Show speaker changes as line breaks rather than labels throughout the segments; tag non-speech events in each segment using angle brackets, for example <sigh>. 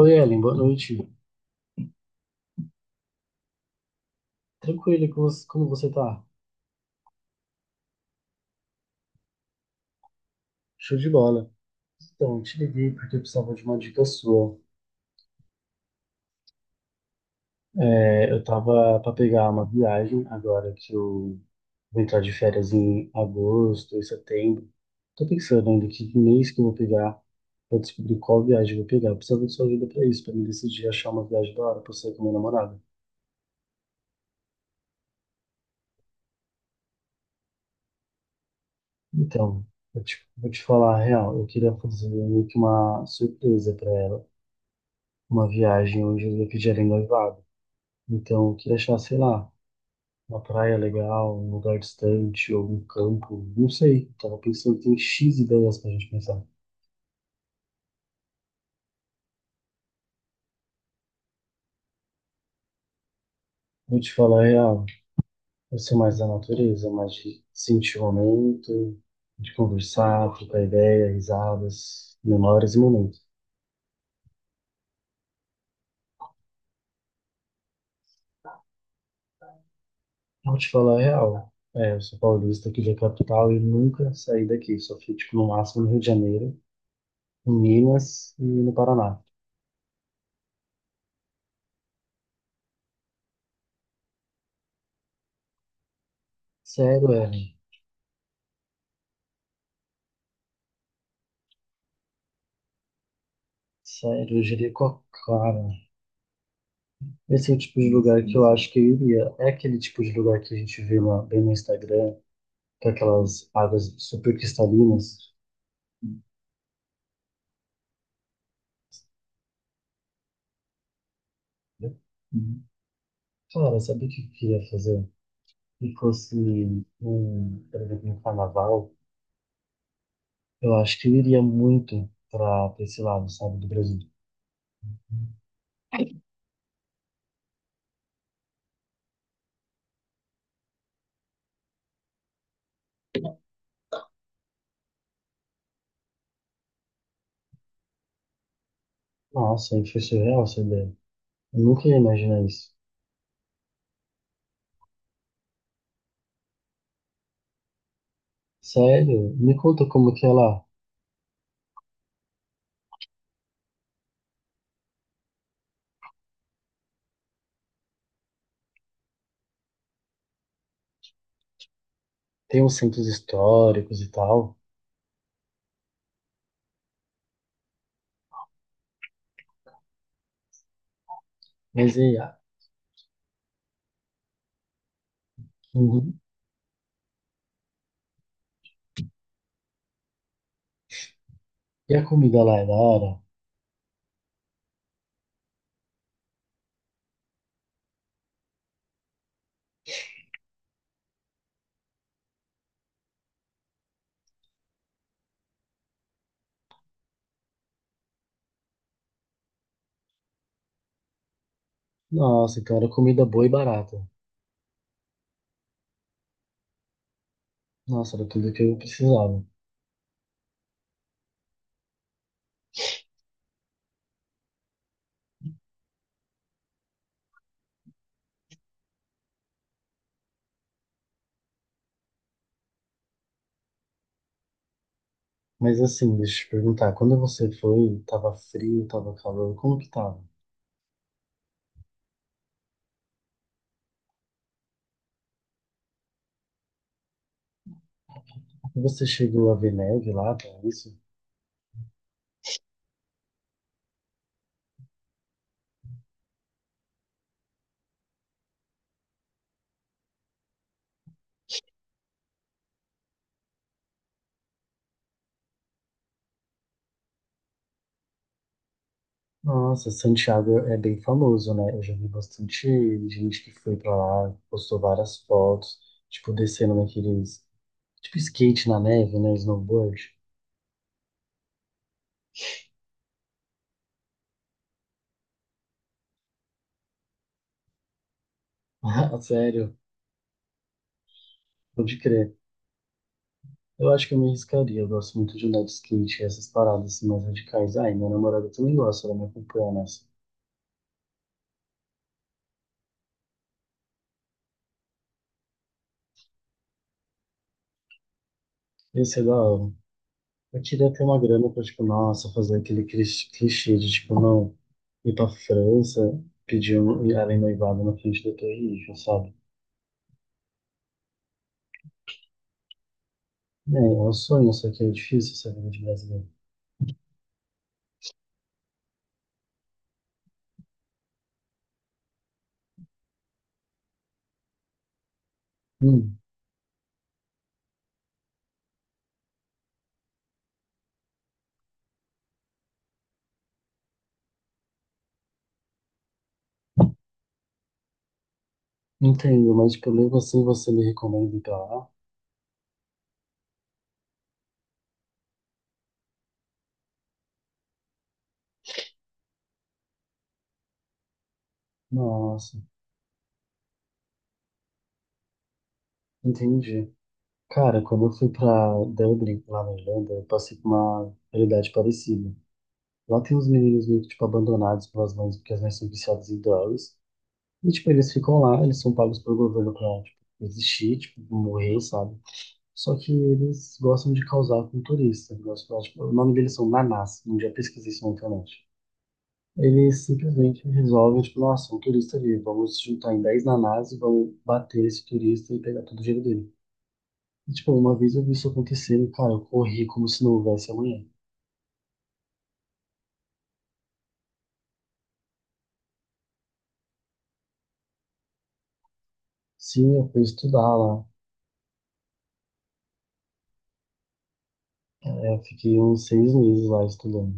Oi, Ellen, boa noite. Tranquilo, e como você tá? Show de bola. Então, te liguei porque eu precisava de uma dica sua. É, eu tava pra pegar uma viagem agora que eu vou entrar de férias em agosto e setembro. Tô pensando ainda que mês que eu vou pegar pra descobrir qual viagem eu vou pegar. Eu precisava de sua ajuda pra isso, pra me decidir achar uma viagem da hora pra sair com minha namorada. Então, vou te falar a real. Eu queria fazer meio que uma surpresa pra ela. Uma viagem onde eu ia pedir ela em noivado. Então, eu queria achar, sei lá, uma praia legal, um lugar distante, ou um campo, não sei. Tava pensando, tem X ideias pra gente pensar. Vou te falar a real, eu sou mais da natureza, mais de sentir o momento, de conversar, trocar ideia, risadas, memórias e momentos. Vou te falar a real, é, eu sou paulista aqui da capital e nunca saí daqui, só fui, tipo, no máximo no Rio de Janeiro, em Minas e no Paraná. Sério, Ellen, sério, eu diria com a cara. Esse é o tipo de lugar que eu acho que eu iria. É aquele tipo de lugar que a gente vê bem no Instagram, com aquelas águas super cristalinas. Né? Uhum. Cara, sabe o que eu queria fazer? Se fosse um, por exemplo, um carnaval, eu acho que eu iria muito para esse lado, sabe, do Brasil. Nossa, aí foi surreal essa ideia. Eu nunca ia imaginar isso. Sério? Me conta como que é lá. Tem uns centros históricos e tal, mas e a, Uhum. E a comida lá é da hora? Nossa, então era comida boa e barata. Nossa, era tudo que eu precisava. Mas assim, deixa eu te perguntar, quando você foi, tava frio, tava calor, como que tava? Você chegou a ver neve lá, tá isso? Nossa, Santiago é bem famoso, né? Eu já vi bastante gente que foi pra lá, postou várias fotos, tipo, descendo naqueles, tipo, skate na neve, né? Snowboard. <laughs> Ah, sério, pode crer. Eu acho que eu me arriscaria. Eu gosto muito de andar de skate, essas paradas assim, mais radicais. Ai, minha namorada também gosta, ela me acompanha nessa. Ia ser da hora. Eu queria ter uma grana pra, tipo, nossa, fazer aquele clichê de, tipo, não ir pra França, ir além noivado na frente da Torre Eiffel, sabe? É, é um sonho, só que é difícil essa vida de brasileiro. Hum, entendo, mas, tipo, mesmo assim você me recomenda ir pra lá? Nossa, entendi. Cara, quando eu fui pra Dublin, lá na Irlanda, eu passei por uma realidade parecida. Lá tem uns meninos meio que, tipo, abandonados pelas mães, porque as mães são viciadas em drogas. E, tipo, eles ficam lá, eles são pagos pelo governo pra, tipo, existir, tipo, morrer, sabe? Só que eles gostam de causar com turista. Eles gostam de falar, tipo, o nome deles são Nanás, um dia eu pesquisei isso na internet. Eles simplesmente resolvem, tipo, nossa, um turista ali, vamos juntar em 10 nanás e vamos bater esse turista e pegar todo o dinheiro dele. E, tipo, uma vez eu vi isso acontecendo, cara, eu corri como se não houvesse amanhã. Sim, eu fui estudar lá. É, eu fiquei uns 6 meses lá estudando.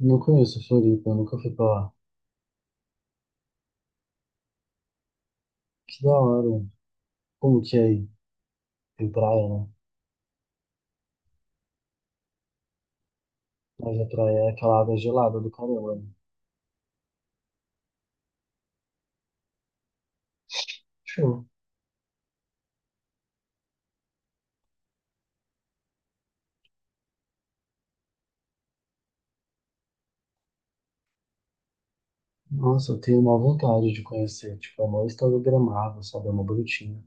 Não conheço Floripa, eu nunca fui pra lá. Que da hora. Como que é aí? Tem praia, né? Mas a praia é aquela água gelada do caramba, né? Show. Nossa, eu tenho uma vontade de conhecer. Tipo, é uma história gramável, sabe? É uma bonitinha.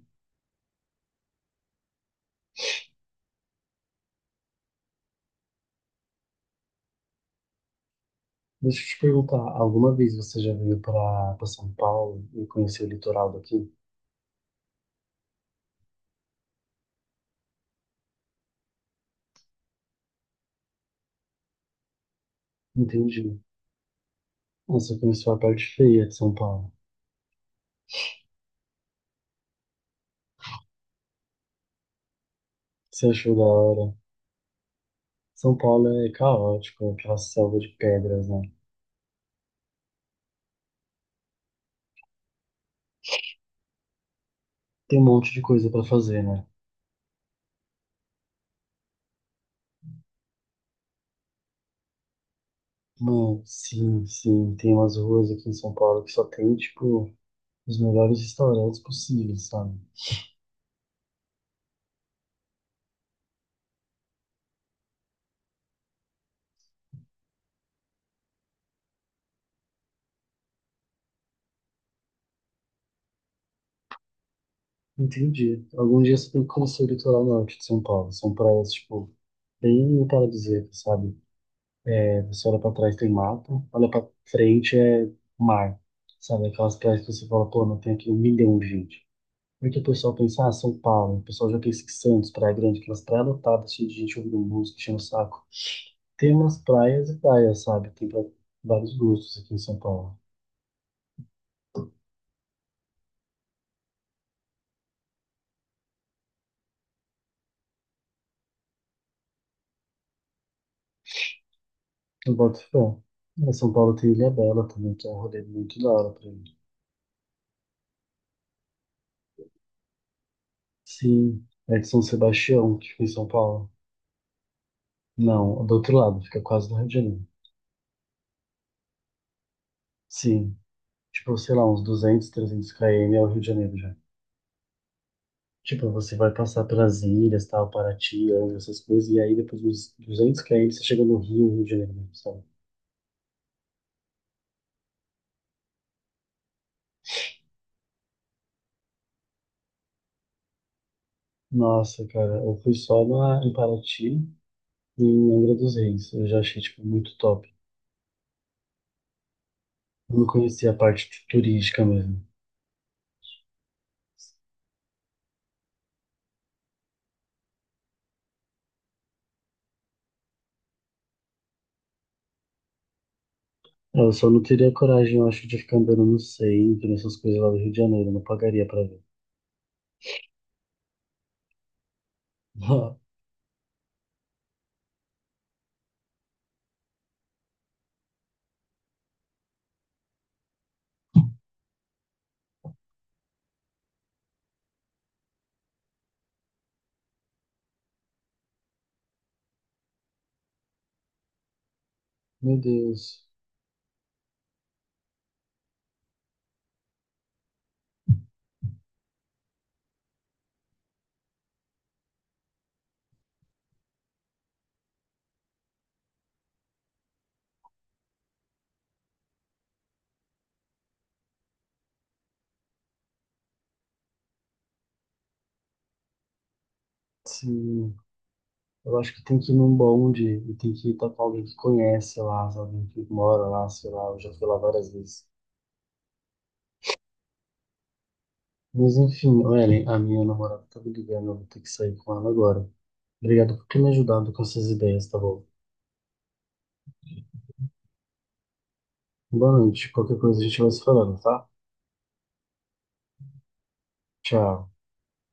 Deixa eu te perguntar, alguma vez você já veio pra São Paulo e conheceu o litoral daqui? Entendi. Você conheceu a parte feia de São Paulo. Você achou da hora? São Paulo é caótico, é aquela selva de pedras, né? Tem um monte de coisa pra fazer, né? Mano, sim, sim. Tem umas ruas aqui em São Paulo que só tem, tipo, os melhores restaurantes possíveis, sabe? Entendi. Algum dia você tem que conhecer o litoral norte de São Paulo. São praias, tipo, bem paradisíacas, sabe? É, você olha pra trás tem mato, olha pra frente é mar, sabe? Aquelas praias que você fala, pô, não tem aqui um milhão de gente. Porque o pessoal pensa, ah, São Paulo. O pessoal já pensa que Santos, Praia Grande, aquelas praias lotadas, cheias de gente ouvindo música, enchendo o saco. Tem umas praias e praias, sabe? Tem pra vários gostos aqui em São Paulo. Eu boto fé. Em São Paulo tem Ilha Bela também, que é um rolê muito da hora pra mim. Sim, é de São Sebastião, que fica em São Paulo. Não, do outro lado, fica quase no Rio de Janeiro. Sim, tipo, sei lá, uns 200, 300 km é o Rio de Janeiro já. Tipo, você vai passar pelas ilhas, tal, Paraty, essas coisas, e aí depois dos 200 km você chega no Rio, Rio de Janeiro, sabe? Nossa, cara, eu fui só em Paraty, em Angra dos Reis. Eu já achei, tipo, muito top. Eu não conhecia a parte turística mesmo. É, Eu só não teria coragem, eu acho, de ficar andando no centro, nessas coisas lá do Rio de Janeiro. Eu não pagaria pra ver. <laughs> Ah, Meu Deus. Sim, eu acho que tem que ir num bonde e tem que ir tá com alguém que conhece lá, sabe? Alguém que mora lá, sei lá. Eu já fui lá várias vezes. Mas enfim, ô, Ellen, a minha namorada tá me ligando, eu vou ter que sair com ela agora. Obrigado por ter me ajudado com essas ideias, tá bom? Boa noite. Qualquer coisa a gente vai se falando, tá? Tchau.